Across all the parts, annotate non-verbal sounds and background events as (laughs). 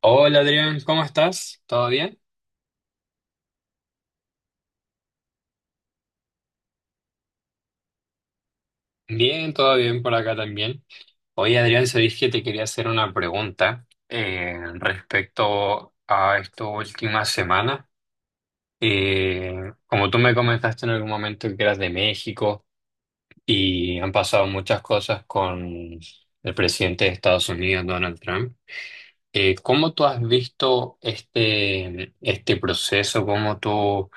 Hola Adrián, ¿cómo estás? ¿Todo bien? Bien, todo bien por acá también. Oye Adrián, sabés que te quería hacer una pregunta respecto a esta última semana. Eh, Como tú me comentaste en algún momento que eras de México y han pasado muchas cosas con el presidente de Estados Unidos, Donald Trump, ¿cómo tú has visto este proceso? ¿Cómo tú...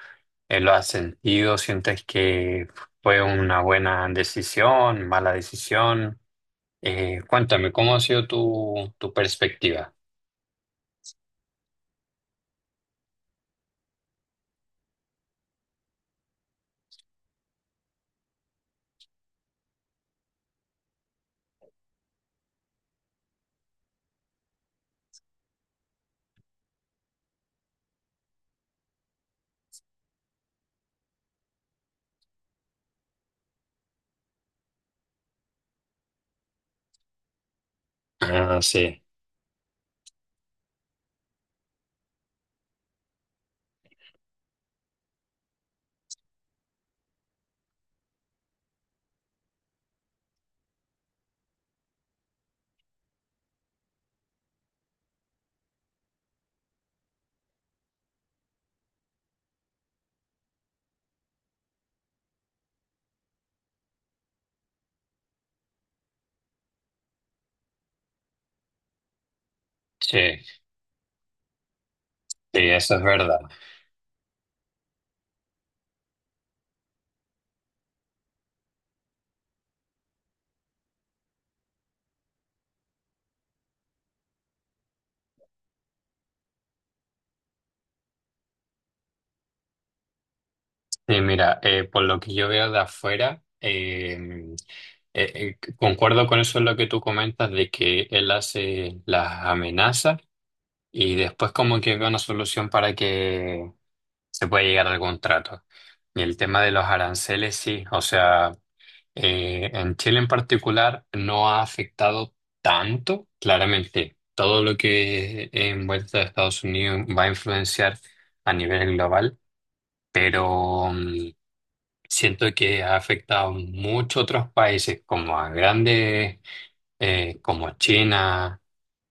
¿Lo has sentido? ¿Sientes que fue una buena decisión, mala decisión? Cuéntame, ¿cómo ha sido tu perspectiva? Ah, sí, sí, sí, eso es verdad. Sí, mira, por lo que yo veo de afuera, concuerdo con eso en lo que tú comentas de que él hace las amenazas y después como que ve una solución para que se pueda llegar al contrato. Y el tema de los aranceles, sí, o sea... en Chile en particular no ha afectado tanto. Claramente, todo lo que envuelta a Estados Unidos va a influenciar a nivel global, pero siento que ha afectado mucho a otros países como a grandes, como China,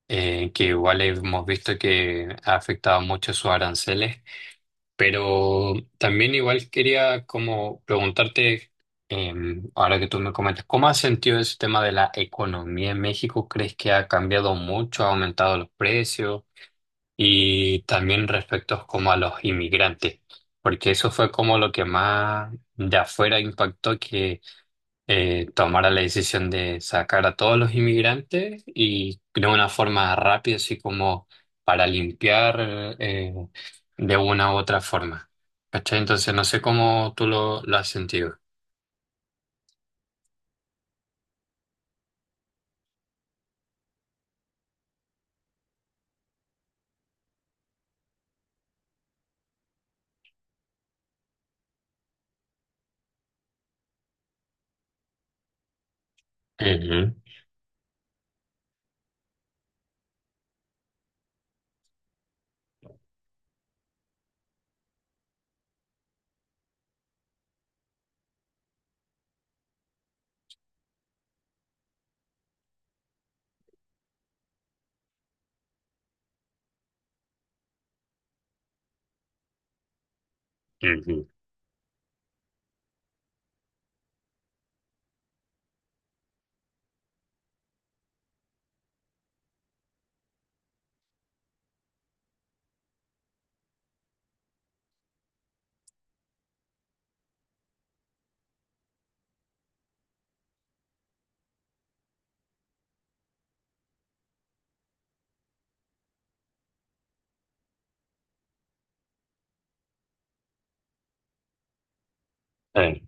que igual hemos visto que ha afectado mucho sus aranceles. Pero también igual quería como preguntarte, eh, ahora que tú me comentas, ¿cómo has sentido ese tema de la economía en México? ¿Crees que ha cambiado mucho, ha aumentado los precios? Y también respecto como a los inmigrantes, porque eso fue como lo que más de afuera impactó, que tomara la decisión de sacar a todos los inmigrantes y de una forma rápida, así como para limpiar de una u otra forma. ¿Cachai? Entonces, no sé cómo tú lo has sentido. Ujú, ujú. Eh,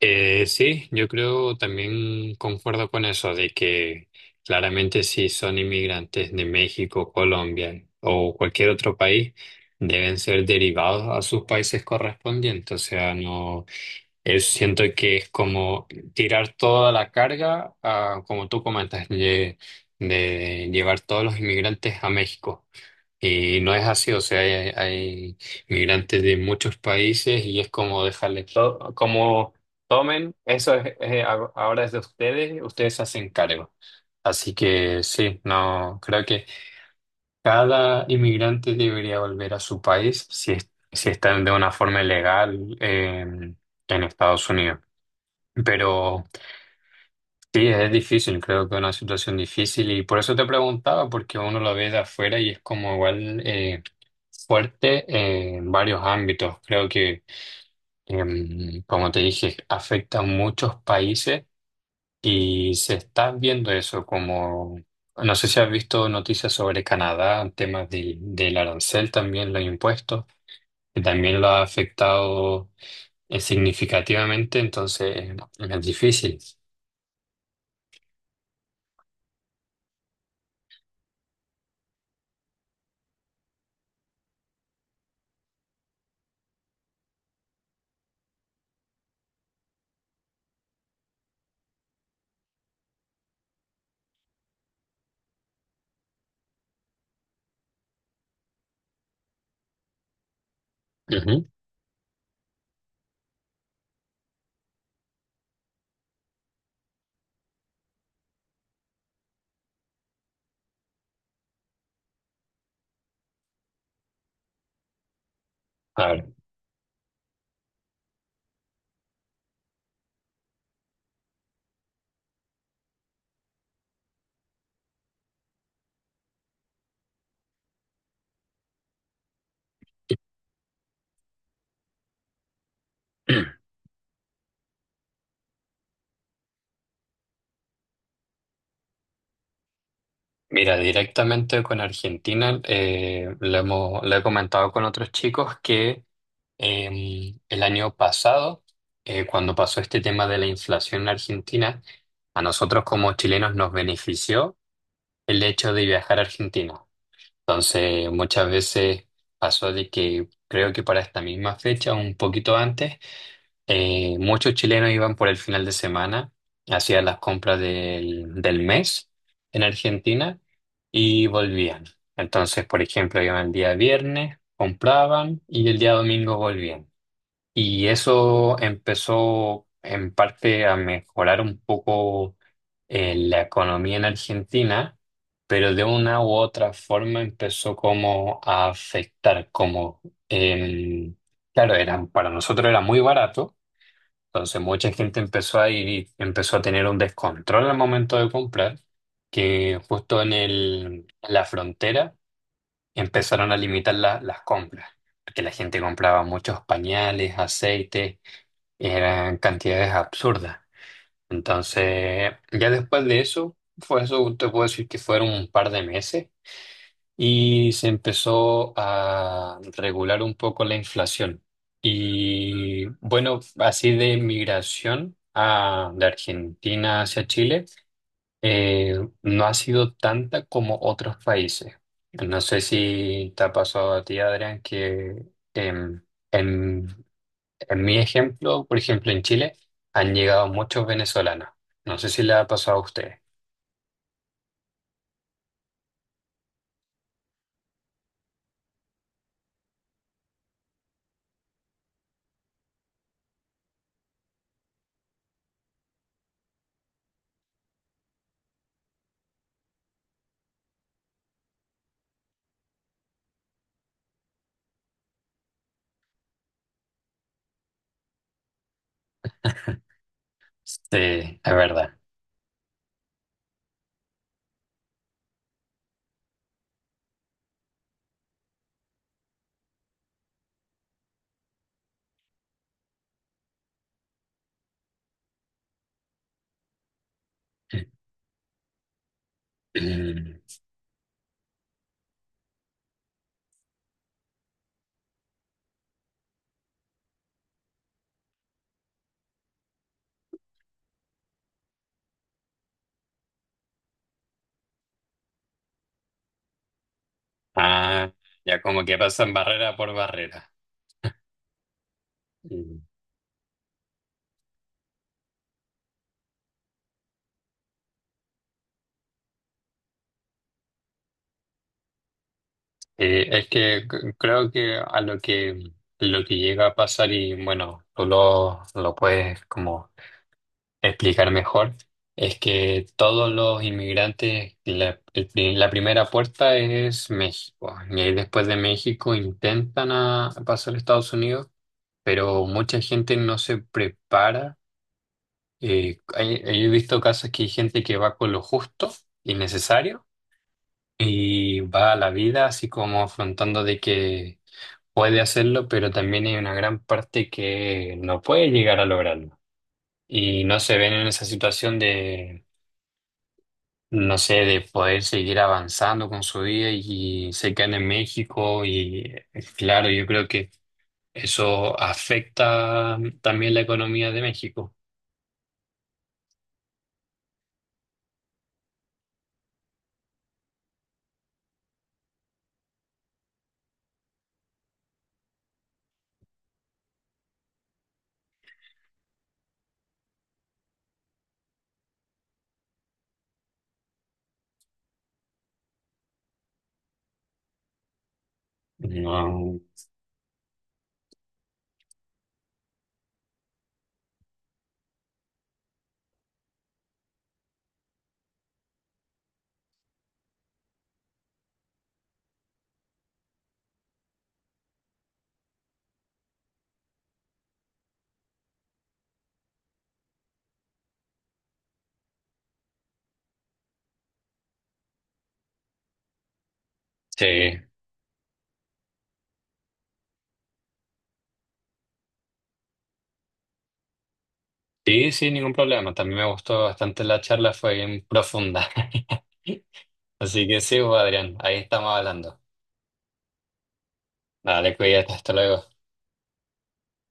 sí, yo creo también concuerdo con eso, de que claramente si son inmigrantes de México, Colombia o cualquier otro país, deben ser derivados a sus países correspondientes. O sea, no, yo siento que es como tirar toda la carga, a, como tú comentas, de llevar todos los inmigrantes a México. Y no es así, o sea, hay inmigrantes de muchos países y es como dejarle todo, como tomen, es- ahora es de ustedes, ustedes se hacen cargo. Así que sí, no, creo que cada inmigrante debería volver a su país si, es- si están de una forma legal en Estados Unidos. Pero sí, es difícil, creo que es una situación difícil y por eso te preguntaba, porque uno lo ve de afuera y es como igual fuerte en varios ámbitos. Creo que, como te dije, afecta a muchos países y se está viendo eso como, no sé si has visto noticias sobre Canadá, temas del arancel también, los impuestos, que también lo ha afectado significativamente, entonces es difícil. Ujú. A ver. (clears throat) Mira, directamente con Argentina, lo hemos, lo he comentado con otros chicos que el año pasado, cuando pasó este tema de la inflación en Argentina, a nosotros como chilenos nos benefició el hecho de viajar a Argentina. Entonces, muchas veces pasó de que creo que para esta misma fecha, un poquito antes, muchos chilenos iban por el final de semana, hacían las compras del mes en Argentina y volvían. Entonces, por ejemplo, iban el día viernes, compraban y el día domingo volvían. Y eso empezó en parte a mejorar un poco la economía en Argentina, pero de una u otra forma empezó como a afectar, como, em, claro, eran, para nosotros era muy barato, entonces mucha gente empezó a ir y empezó a tener un descontrol al momento de comprar, que justo en el, en la frontera empezaron a limitar la- las compras, porque la gente compraba muchos pañales, aceites, eran cantidades absurdas. Entonces ya después de eso, fue eso, te puedo decir que fueron un par de meses y se empezó a regular un poco la inflación. Y bueno, así de migración a, de Argentina hacia Chile, no ha sido tanta como otros países. No sé si te ha pasado a ti, Adrián, que em, en, en mi ejemplo, por ejemplo, en Chile han llegado muchos venezolanos. No sé si le ha pasado a usted. Sí, es verdad. (clears throat) Ah, ya como que pasan barrera por barrera. Mm. Es que c- creo que a lo que llega a pasar, y bueno, tú lo puedes como explicar mejor, es que todos los inmigrantes, la, el pri- la primera puerta es México, y ahí después de México intentan a- pasar a Estados Unidos, pero mucha gente no se prepara. Hay- he visto casos que hay gente que va con lo justo y necesario y va a la vida así como afrontando de que puede hacerlo, pero también hay una gran parte que no puede llegar a lograrlo. Y no se ven en esa situación de, no sé, de poder seguir avanzando con su vida y se quedan en México y claro, yo creo que eso afecta también la economía de México. No, sí, sí, sin ningún problema. También me gustó bastante la charla, fue bien profunda. (laughs) Así que sí, pues, Adrián, ahí estamos hablando. Dale, cuídate, hasta luego.